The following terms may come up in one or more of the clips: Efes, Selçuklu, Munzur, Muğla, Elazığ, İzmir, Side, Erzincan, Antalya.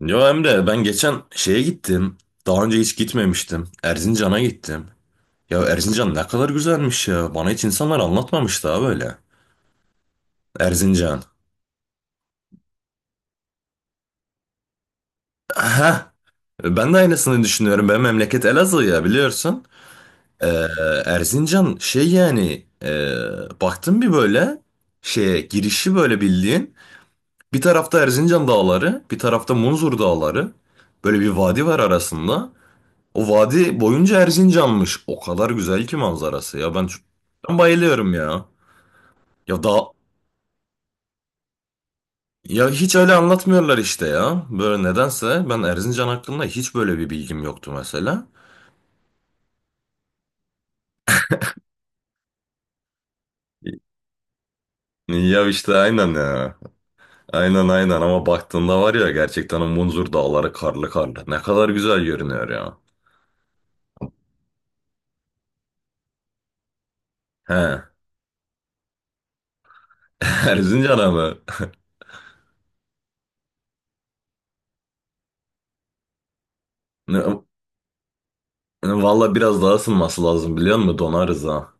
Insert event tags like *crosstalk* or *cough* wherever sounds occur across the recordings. Yo Emre ben geçen şeye gittim. Daha önce hiç gitmemiştim. Erzincan'a gittim. Ya Erzincan ne kadar güzelmiş ya. Bana hiç insanlar anlatmamış daha böyle. Erzincan. Aha. Ben de aynısını düşünüyorum. Benim memleket Elazığ ya biliyorsun. Ee, Erzincan şey yani baktım bir böyle şeye girişi böyle bildiğin. Bir tarafta Erzincan dağları, bir tarafta Munzur dağları. Böyle bir vadi var arasında. O vadi boyunca Erzincan'mış. O kadar güzel ki manzarası ya. Ben bayılıyorum ya. Ya da ya hiç öyle anlatmıyorlar işte ya. Böyle nedense ben Erzincan hakkında hiç böyle bir bilgim yoktu mesela. Ya işte aynen ya. Aynen aynen ama baktığında var ya gerçekten o Munzur dağları karlı karlı. Ne kadar güzel görünüyor ya. He. *laughs* Erzincan'a mı? Ne- Valla biraz daha ısınması lazım biliyor musun? Donarız ha.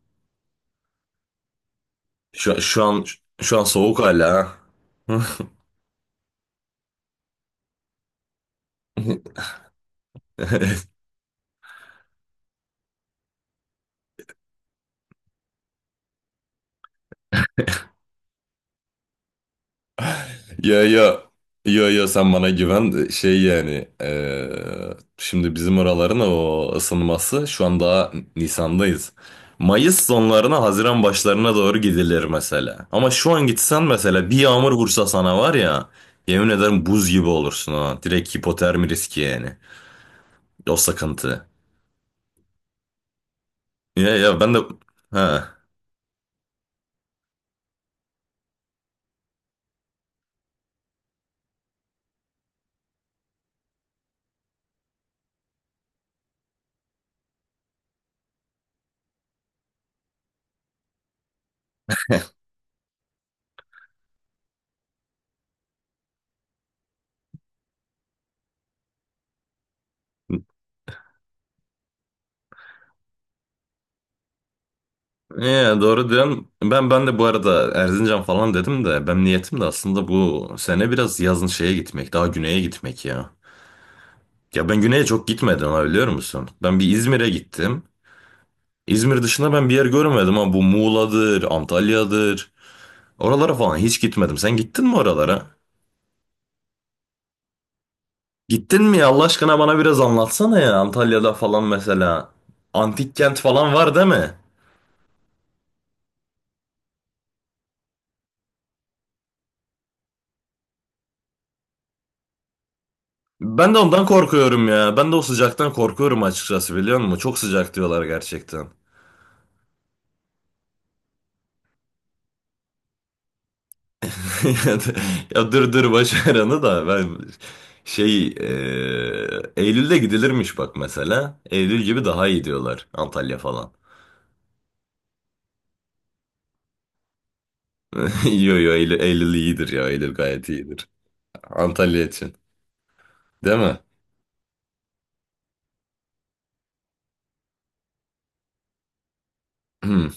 Şu, şu an şu an soğuk hala. Ha. *laughs* *laughs* Ya ya ya ya sen bana güven şey yani şimdi bizim oraların o ısınması şu an daha Nisan'dayız. Mayıs sonlarına Haziran başlarına doğru gidilir mesela. Ama şu an gitsen mesela bir yağmur vursa sana var ya yemin ederim buz gibi olursun ha. Direkt hipotermi riski yani. O sıkıntı. Ya ya ben de ha. Doğru diyorsun. Ben de bu arada Erzincan falan dedim de ben niyetim de aslında bu sene biraz yazın şeye gitmek, daha güneye gitmek ya. Ya ben güneye çok gitmedim ha biliyor musun? Ben bir İzmir'e gittim. İzmir dışında ben bir yer görmedim ama bu Muğla'dır, Antalya'dır. Oralara falan hiç gitmedim. Sen gittin mi oralara? Gittin mi ya Allah aşkına bana biraz anlatsana ya Antalya'da falan mesela. Antik kent falan var değil mi? Ben de ondan korkuyorum ya. Ben de o sıcaktan korkuyorum açıkçası biliyor musun? Çok sıcak diyorlar gerçekten. *laughs* Ya, d- ya dur dur boş ver onu da ben şey Eylül'de gidilirmiş bak mesela. Eylül gibi daha iyi diyorlar Antalya falan. *laughs* Yo yo Eylül, Eylül iyidir ya Eylül gayet iyidir. Antalya için değil mi? Hmm,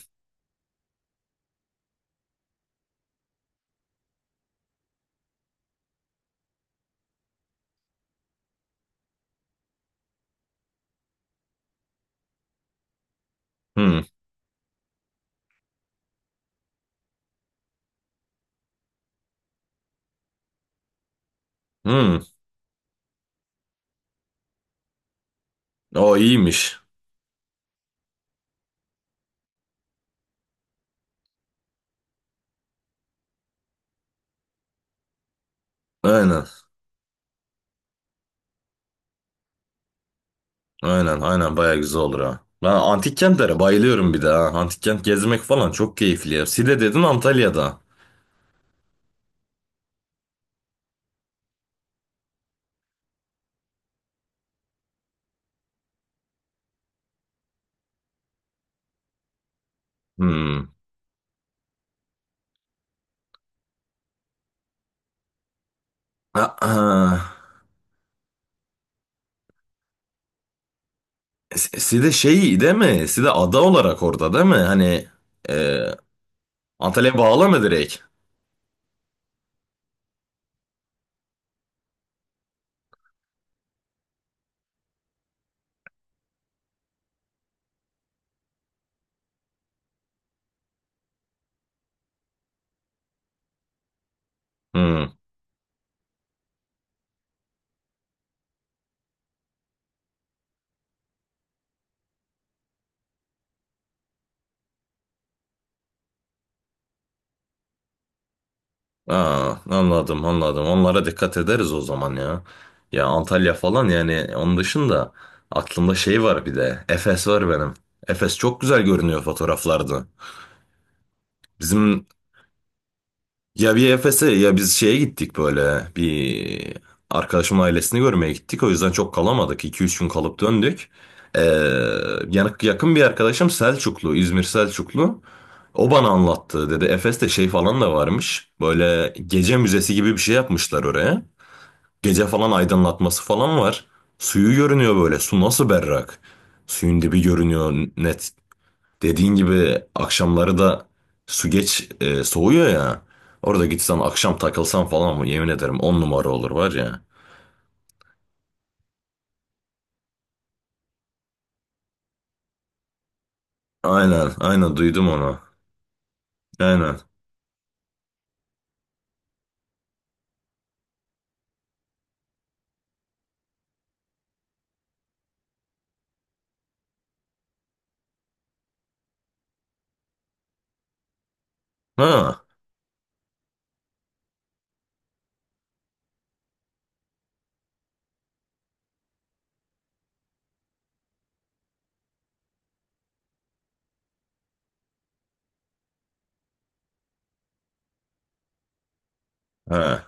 hmm, hmm. O iyiymiş. Aynen aynen aynen baya güzel olur ha. Ben antik kentlere bayılıyorum bir de ha. Antik kent gezmek falan çok keyifli ya. Side dedin Antalya'da. Hmm. *clears throat* Side şey değil mi? Side ada olarak orada değil mi? Hani e, Antalya'ya bağlı mı direkt? Hmm. Aa, anladım anladım. Onlara dikkat ederiz o zaman ya. Ya Antalya falan yani onun dışında aklımda şey var bir de. Efes var benim. Efes çok güzel görünüyor fotoğraflarda. Bizim Ya bir Efes'e ya biz şeye gittik böyle bir arkadaşımın ailesini görmeye gittik. O yüzden çok kalamadık. İki üç gün kalıp döndük. Ee, yani yakın bir arkadaşım Selçuklu, İzmir Selçuklu. O bana anlattı dedi. Efes'te şey falan da varmış. Böyle gece müzesi gibi bir şey yapmışlar oraya. Gece falan aydınlatması falan var. Suyu görünüyor böyle. Su nasıl berrak. Suyun dibi görünüyor net. Dediğin gibi akşamları da su geç soğuyor ya. Orada gitsen akşam takılsan falan mı yemin ederim 10 numara olur var ya. Aynen aynen duydum onu. Aynen. Ha, ha.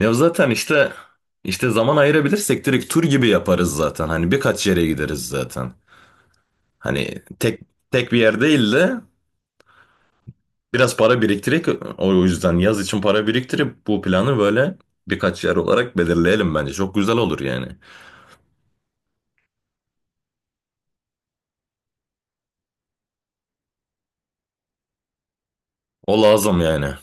Ya zaten işte zaman ayırabilirsek direkt tur gibi yaparız zaten. Hani birkaç yere gideriz zaten. Hani tek bir yer değil de biraz para biriktirip o yüzden yaz için para biriktirip bu planı böyle birkaç yer olarak belirleyelim bence. Çok güzel olur yani. O lazım yani.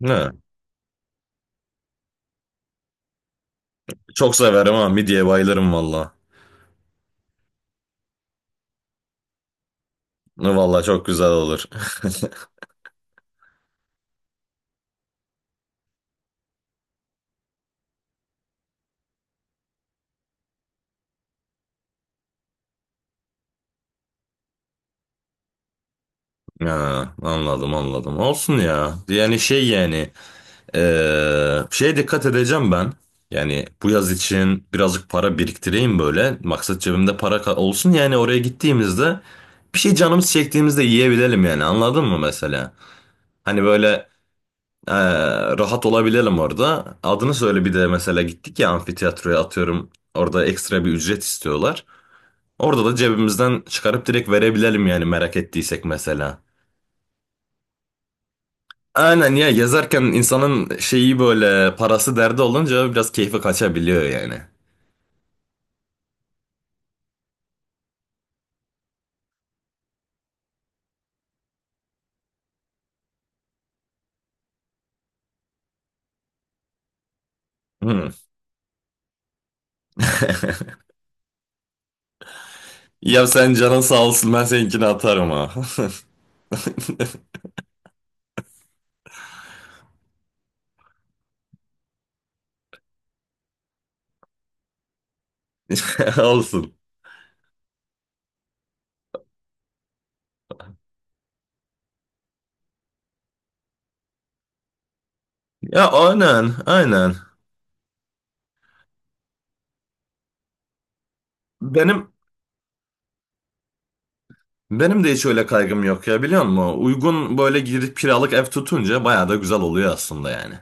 Ne? Çok severim ama midyeye bayılırım valla. Valla çok güzel olur. *laughs* Ha, anladım anladım. Olsun ya. Yani şey yani şeye dikkat edeceğim ben. Yani bu yaz için birazcık para biriktireyim böyle. Maksat cebimde para olsun yani oraya gittiğimizde bir şey canımız çektiğimizde yiyebilelim yani anladın mı mesela? Hani böyle eee, rahat olabilelim orada. Adını söyle bir de mesela gittik ya amfiteyatroya atıyorum. Orada ekstra bir ücret istiyorlar. Orada da cebimizden çıkarıp direkt verebilelim yani merak ettiysek mesela. Aynen ya yazarken insanın şeyi böyle parası derdi olunca biraz keyfi kaçabiliyor yani. Hmm. *laughs* Ya sen canın sağ olsun ben seninkini atarım ha. *laughs* Olsun. Ya aynen aynen. Benim benim de hiç öyle kaygım yok ya biliyor musun? Uygun böyle girip kiralık ev tutunca bayağı da güzel oluyor aslında yani.